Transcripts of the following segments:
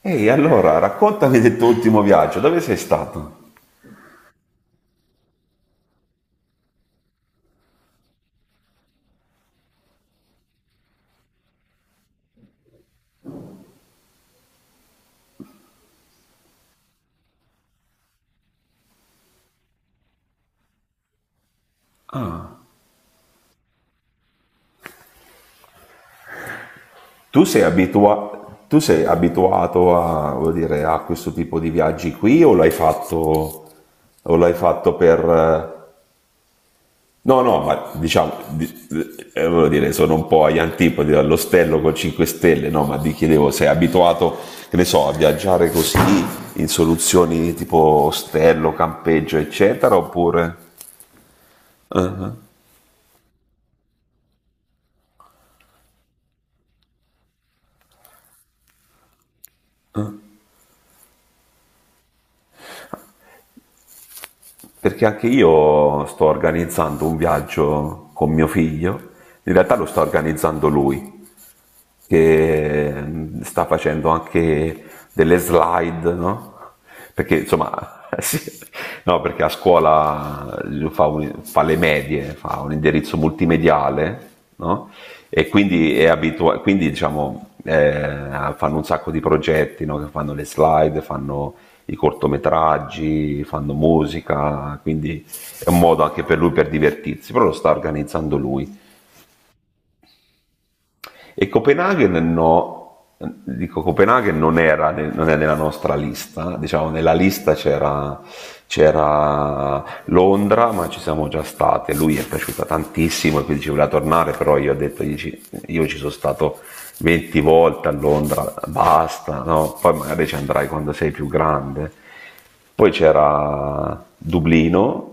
Ehi, allora, raccontami del tuo ultimo viaggio, dove sei stato? Ah. Tu sei abituato a, voglio dire, a questo tipo di viaggi qui o l'hai fatto? No, no, ma diciamo, voglio dire, sono un po' agli antipodi dall'ostello con 5 stelle, no, ma ti chiedevo, sei abituato, che ne so, a viaggiare così in soluzioni tipo ostello, campeggio, eccetera, oppure... Ah, ah. Perché anche io sto organizzando un viaggio con mio figlio, in realtà lo sta organizzando lui, che sta facendo anche delle slide, no? Perché insomma, sì, no, perché a scuola fa le medie, fa un indirizzo multimediale, no? E quindi è diciamo, fanno un sacco di progetti, no? Che fanno le slide, fanno i cortometraggi, fanno musica, quindi è un modo anche per lui per divertirsi, però lo sta organizzando lui. E Copenaghen no, dico Copenaghen non è nella nostra lista, diciamo nella lista c'era Londra, ma ci siamo già state, lui è piaciuta tantissimo e quindi ci voleva tornare, però io ho detto, io ci sono stato 20 volte a Londra, basta, no? Poi magari ci andrai quando sei più grande. Poi c'era Dublino,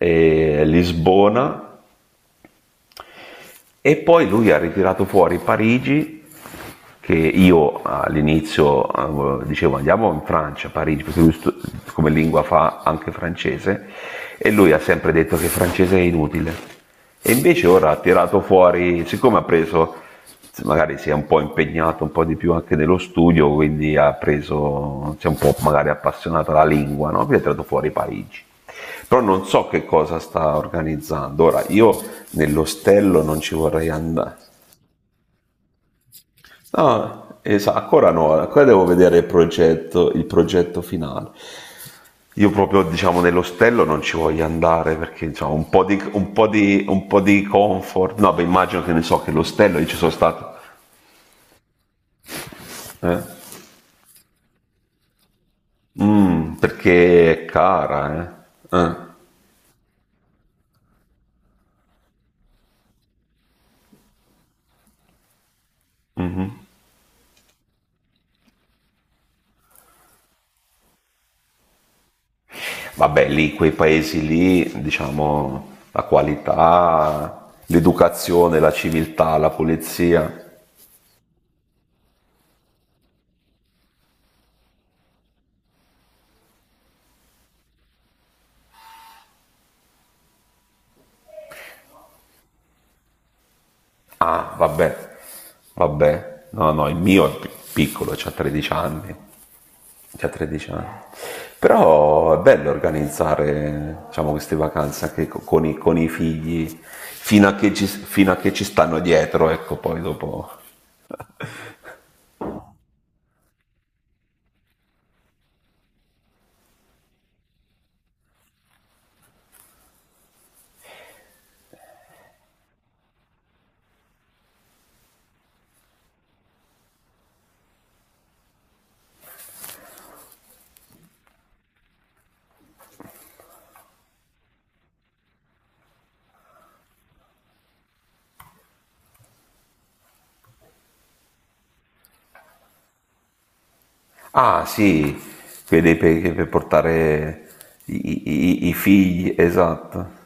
e Lisbona. E poi lui ha ritirato fuori Parigi, che io all'inizio dicevo andiamo in Francia, Parigi, perché come lingua fa anche francese, e lui ha sempre detto che il francese è inutile. E invece ora ha tirato fuori, siccome ha preso, magari si è un po' impegnato un po' di più anche nello studio, quindi ha preso, si è un po' magari appassionato alla lingua, no? Quindi ha tirato fuori Parigi. Però non so che cosa sta organizzando. Ora, io nell'ostello non ci vorrei andare. No, esatto, ancora no, ancora devo vedere il progetto finale. Io proprio, diciamo, nell'ostello non ci voglio andare perché, diciamo, un po' di, un po' di, un po' di comfort. No, beh, immagino che ne so che l'ostello io ci sono stato. Eh. Mm, perché è cara, eh. Vabbè, lì, quei paesi lì, diciamo, la qualità, l'educazione, la civiltà, la polizia. Ah, vabbè, vabbè. No, no, il mio è piccolo, c'ha 13 anni. C'ha 13 anni. Però è bello organizzare, diciamo, queste vacanze anche con i figli, fino a che ci stanno dietro, ecco, poi dopo. Ah, sì, quelli per portare i figli, esatto.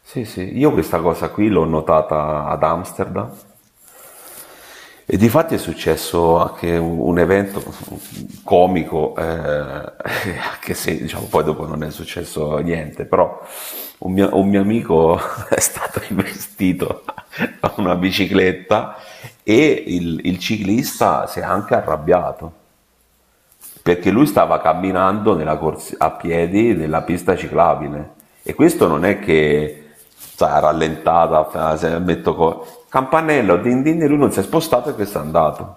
Sì, sì, io questa cosa qui l'ho notata ad Amsterdam e di fatti è successo anche un evento comico, anche se diciamo, poi dopo non è successo niente, però un mio amico è stato investito da una bicicletta e il ciclista si è anche arrabbiato perché lui stava camminando a piedi nella pista ciclabile e questo non è che sa, rallentata, se metto campanello, din din, e lui non si è spostato e questo è andato.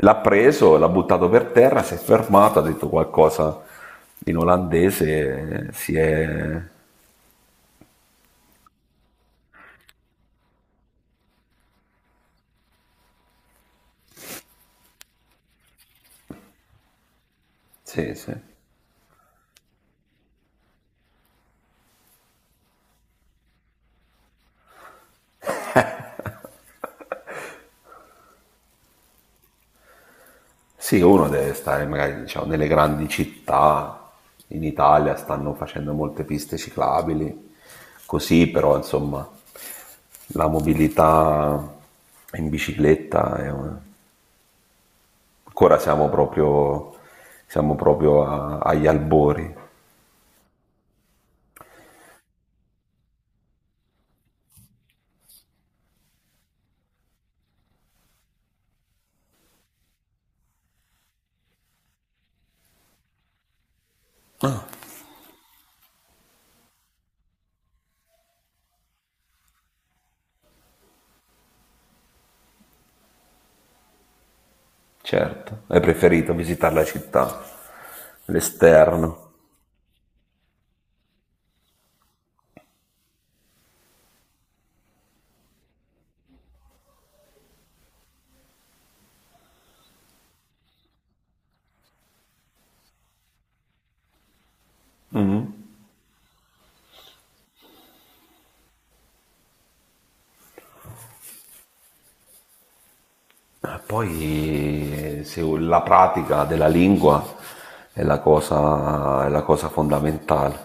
L'ha preso, l'ha buttato per terra, si è fermato, ha detto qualcosa in olandese, si è... Sì, sì. Sì, uno deve stare magari diciamo, nelle grandi città, in Italia stanno facendo molte piste ciclabili, così però insomma la mobilità in bicicletta ancora siamo proprio agli albori, certo, è preferito visitare la città, l'esterno. Ma poi se la pratica della lingua è la cosa fondamentale.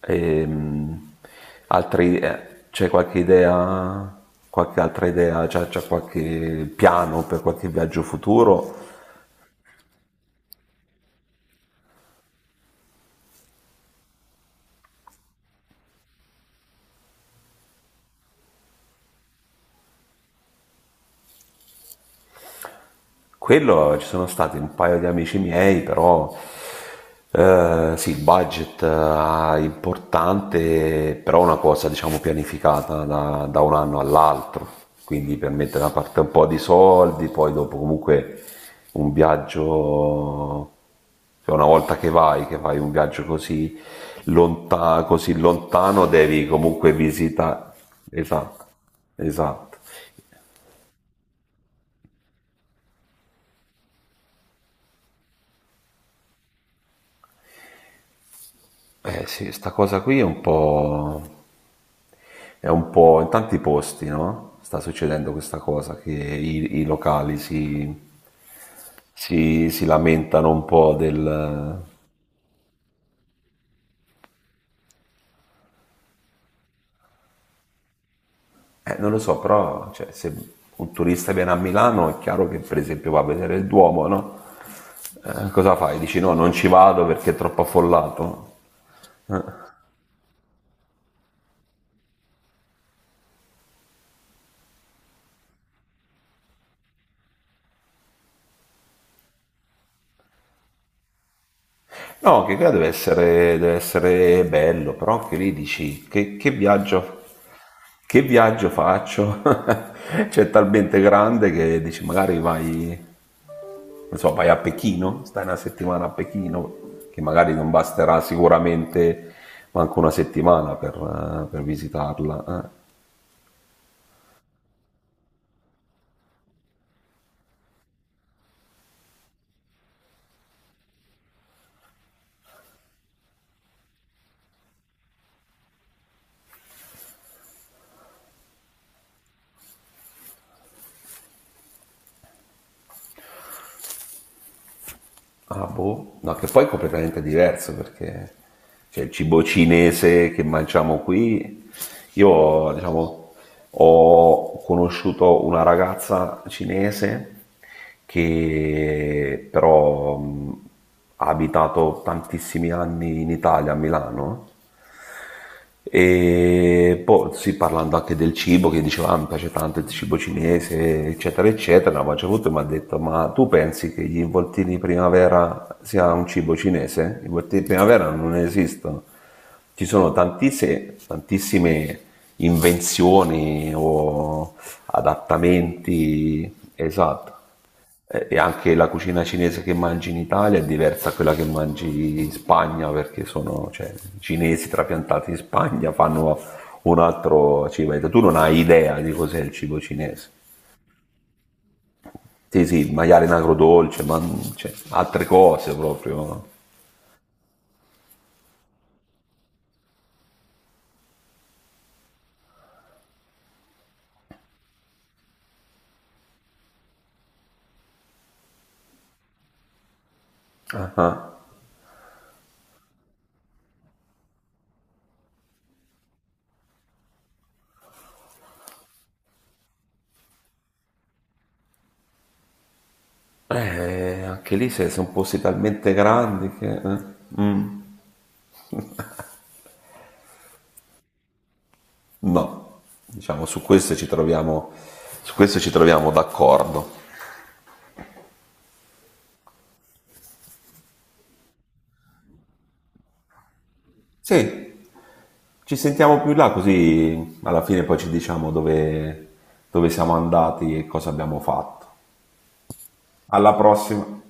Ehm, Altri, c'è qualche idea, qualche altra idea, c'è qualche piano per qualche viaggio futuro? Quello ci sono stati un paio di amici miei, però sì, il budget importante, però una cosa diciamo pianificata da un anno all'altro, quindi per mettere da parte un po' di soldi, poi dopo comunque un viaggio, cioè una volta che vai, che fai un viaggio così, così lontano, devi comunque visitare. Esatto, esatto. Eh sì, sta cosa qui è un po' in tanti posti, no? Sta succedendo questa cosa che i locali si lamentano un po' del... non lo so, però cioè, se un turista viene a Milano è chiaro che per esempio va a vedere il Duomo, no? Cosa fai? Dici no, non ci vado perché è troppo affollato. No, che qua deve essere bello, però anche lì dici che, che viaggio faccio? Cioè, è talmente grande che dici magari vai, non so, vai a Pechino, stai una settimana a Pechino, che magari non basterà sicuramente manco una settimana per visitarla. Eh." Ah, boh. No, che poi è completamente diverso perché cioè, il cibo cinese che mangiamo qui, io diciamo, ho conosciuto una ragazza cinese che però ha abitato tantissimi anni in Italia, a Milano, e poi sì, parlando anche del cibo, che diceva, ah, mi piace tanto il cibo cinese, eccetera, eccetera, ma c'è tutto e mi ha detto, ma tu pensi che gli involtini di primavera sia un cibo cinese? Gli involtini di primavera non esistono. Ci sono tantissime, tantissime invenzioni o adattamenti, esatto. E anche la cucina cinese che mangi in Italia è diversa da quella che mangi in Spagna, perché sono, cioè, i cinesi trapiantati in Spagna fanno un altro cibo. Tu non hai idea di cos'è il cibo cinese. Sì, sì, il maiale in agrodolce, ma cioè, altre cose proprio. Ah, ah. Anche lì se sono posti talmente grandi che... mm, no, diciamo, su questo ci troviamo, su questo ci troviamo d'accordo. Sì. Ci sentiamo più là così alla fine poi ci diciamo dove, dove siamo andati e cosa abbiamo fatto. Alla prossima!